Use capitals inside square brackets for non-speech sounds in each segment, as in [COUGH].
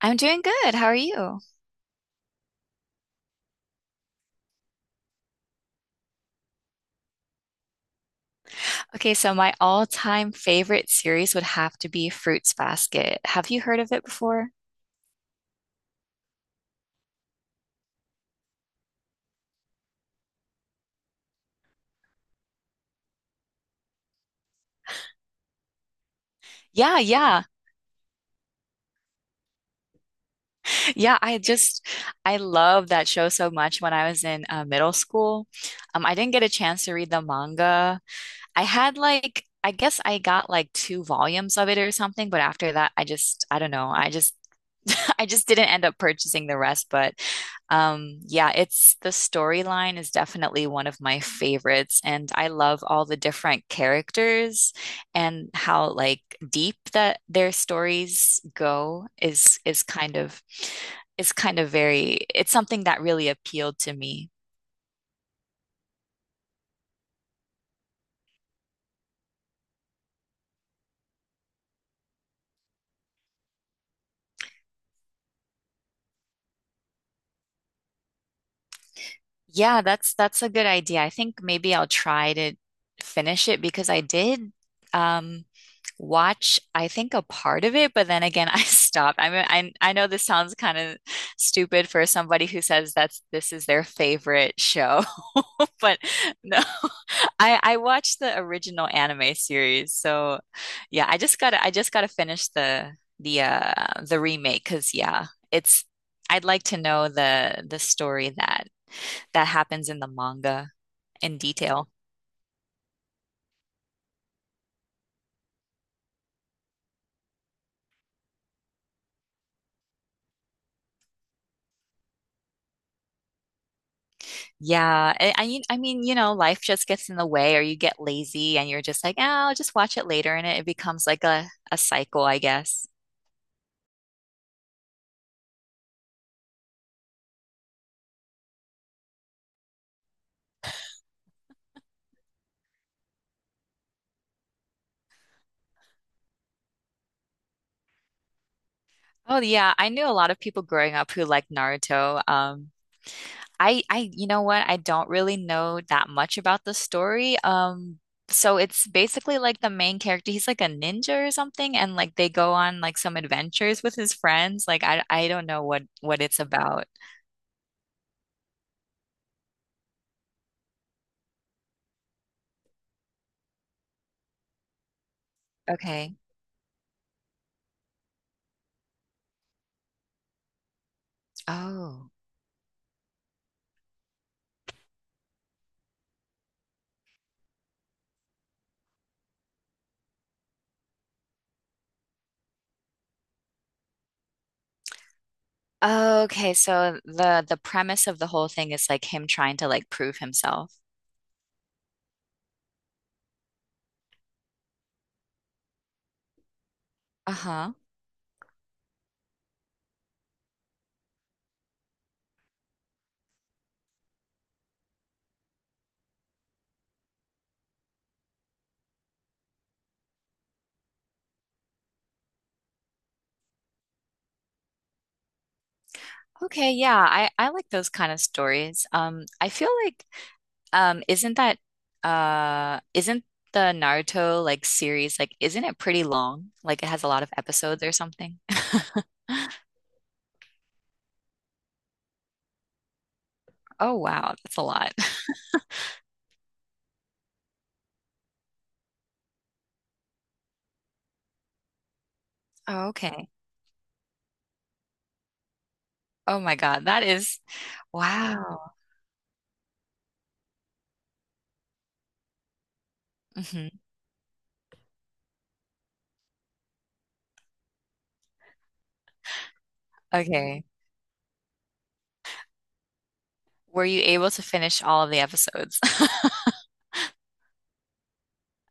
I'm doing good. How are you? Okay, so my all-time favorite series would have to be Fruits Basket. Have you heard of it before? Yeah, yeah. Yeah, I just I love that show so much when I was in middle school. I didn't get a chance to read the manga. I had like I guess I got like two volumes of it or something, but after that I don't know. I just [LAUGHS] I just didn't end up purchasing the rest, but yeah, it's the storyline is definitely one of my favorites, and I love all the different characters and how like deep that their stories go is kind of very it's something that really appealed to me. Yeah, that's a good idea. I think maybe I'll try to finish it because I did. Um, Watch, I think, a part of it, but then again, [LAUGHS] I stopped. I mean, I know this sounds kind of stupid for somebody who says that's this is their favorite show, [LAUGHS] but no, [LAUGHS] I watched the original anime series. So yeah, I just gotta finish the remake because yeah, it's I'd like to know the story that happens in the manga in detail. Yeah, I mean, you know, life just gets in the way, or you get lazy, and you're just like, oh, I'll just watch it later, and it becomes like a cycle, I guess. Oh yeah, I knew a lot of people growing up who liked Naruto. I you know what? I don't really know that much about the story. So it's basically like the main character, he's like a ninja or something, and like they go on like some adventures with his friends. Like I don't know what it's about. Okay. Oh. Oh, okay, so the premise of the whole thing is like him trying to like prove himself. Uh-huh. Okay, yeah, I like those kind of stories. I feel like um isn't that isn't the Naruto like series like isn't it pretty long? Like it has a lot of episodes or something? [LAUGHS] Oh wow, that's a lot. [LAUGHS] Oh, okay. Oh my God, that is wow. Hmm. Okay. Were you able to finish all of the episodes?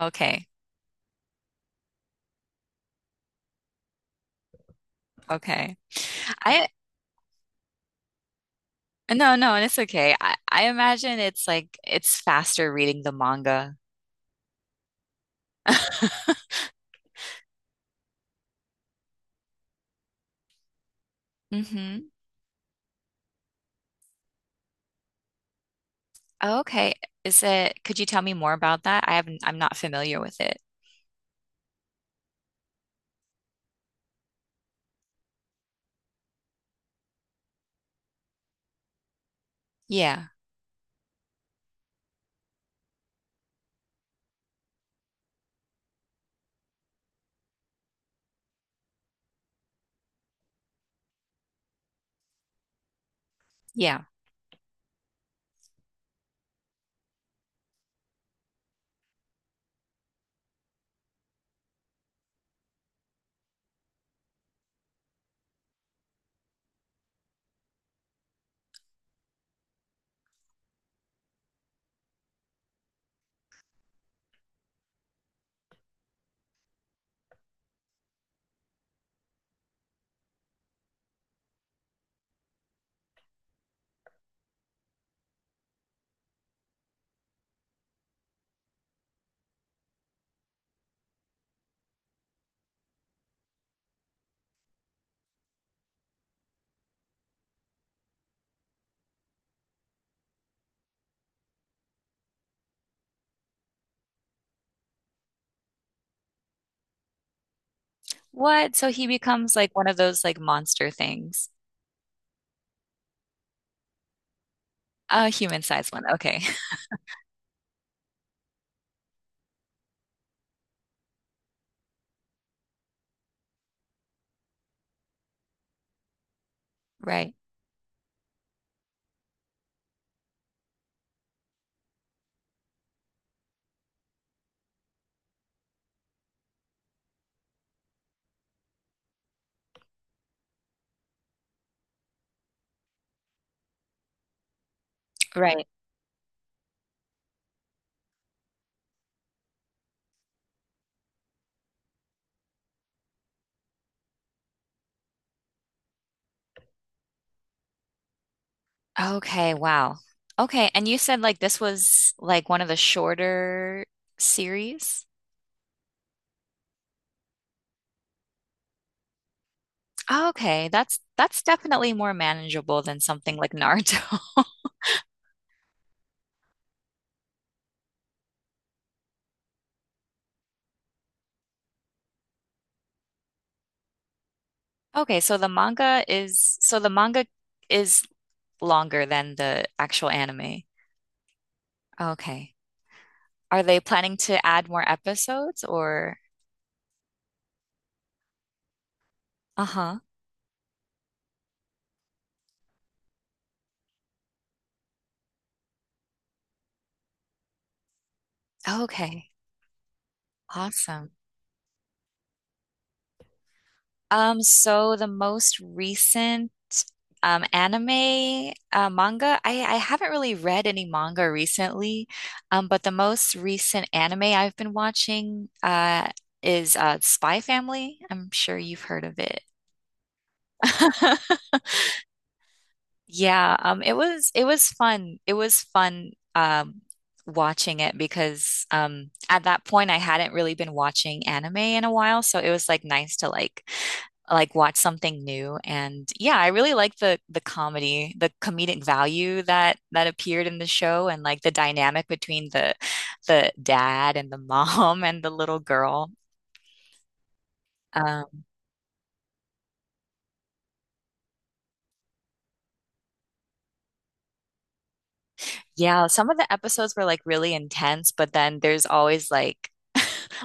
[LAUGHS] Okay. Okay. I no, no, it's okay. I imagine it's like it's faster reading the manga. [LAUGHS] Mm-hmm. Oh, okay. Is it, could you tell me more about that? I haven't, I'm not familiar with it. Yeah. Yeah. What? So he becomes like one of those like monster things. A human-sized one. Okay. [LAUGHS] Right. Right. Okay. Wow. Okay. And you said like this was like one of the shorter series? Okay, that's definitely more manageable than something like Naruto. [LAUGHS] Okay, so the manga is longer than the actual anime. Okay. Are they planning to add more episodes or? Uh-huh. Okay. Awesome. So the most recent anime manga, I haven't really read any manga recently, but the most recent anime I've been watching is Spy Family. I'm sure you've heard of it. [LAUGHS] Yeah, it was fun. It was fun watching it because at that point I hadn't really been watching anime in a while, so it was like nice to like watch something new. And yeah, I really like the comedy, the comedic value that appeared in the show, and like the dynamic between the dad and the mom [LAUGHS] and the little girl. um, Yeah, some of the episodes were like really intense, but then there's always like [LAUGHS]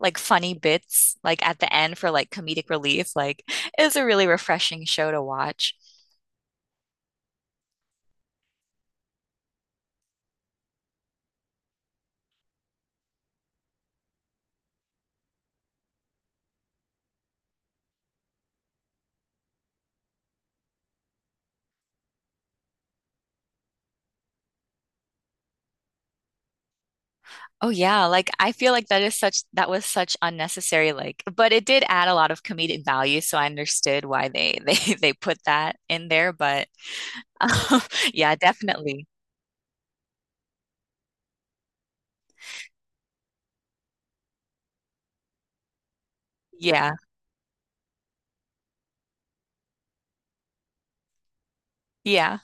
like funny bits like at the end for like comedic relief. Like it's a really refreshing show to watch. Oh yeah, like I feel like that was such unnecessary like but it did add a lot of comedic value, so I understood why they [LAUGHS] they put that in there, but um, [LAUGHS] yeah, definitely. Yeah. Yeah.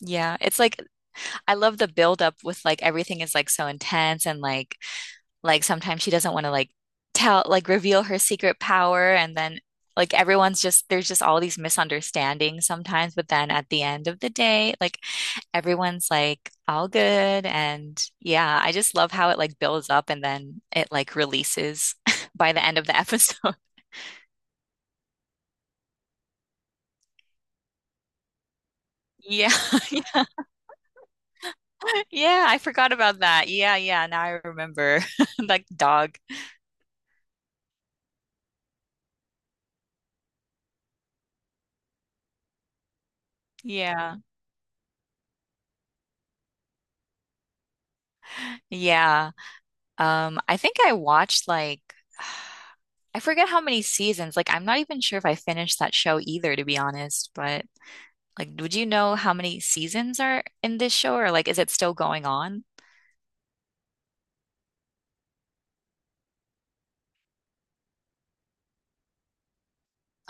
Yeah. It's like I love the build up with like everything is like so intense and like sometimes she doesn't want to like tell, like reveal her secret power. And then like everyone's just, there's just all these misunderstandings sometimes. But then at the end of the day, like everyone's like all good. And yeah, I just love how it like builds up and then it like releases [LAUGHS] by the end of the episode. Yeah. [LAUGHS] Yeah. I forgot about that. Yeah. Yeah. Now I remember. [LAUGHS] Like dog. Yeah. Yeah. I think I watched like [SIGHS] I forget how many seasons. Like I'm not even sure if I finished that show either, to be honest. But like, would you know how many seasons are in this show, or like, is it still going on?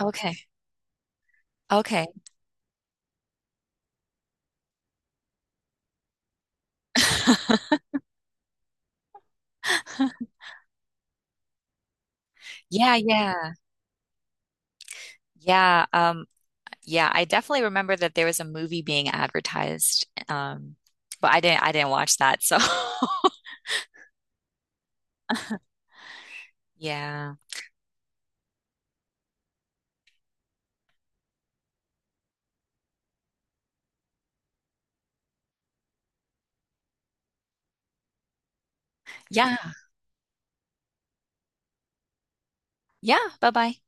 Okay. Okay. [LAUGHS] Yeah, yeah. Yeah, yeah, I definitely remember that there was a movie being advertised. But I didn't watch that, so [LAUGHS] yeah. Yeah. Yeah, bye-bye.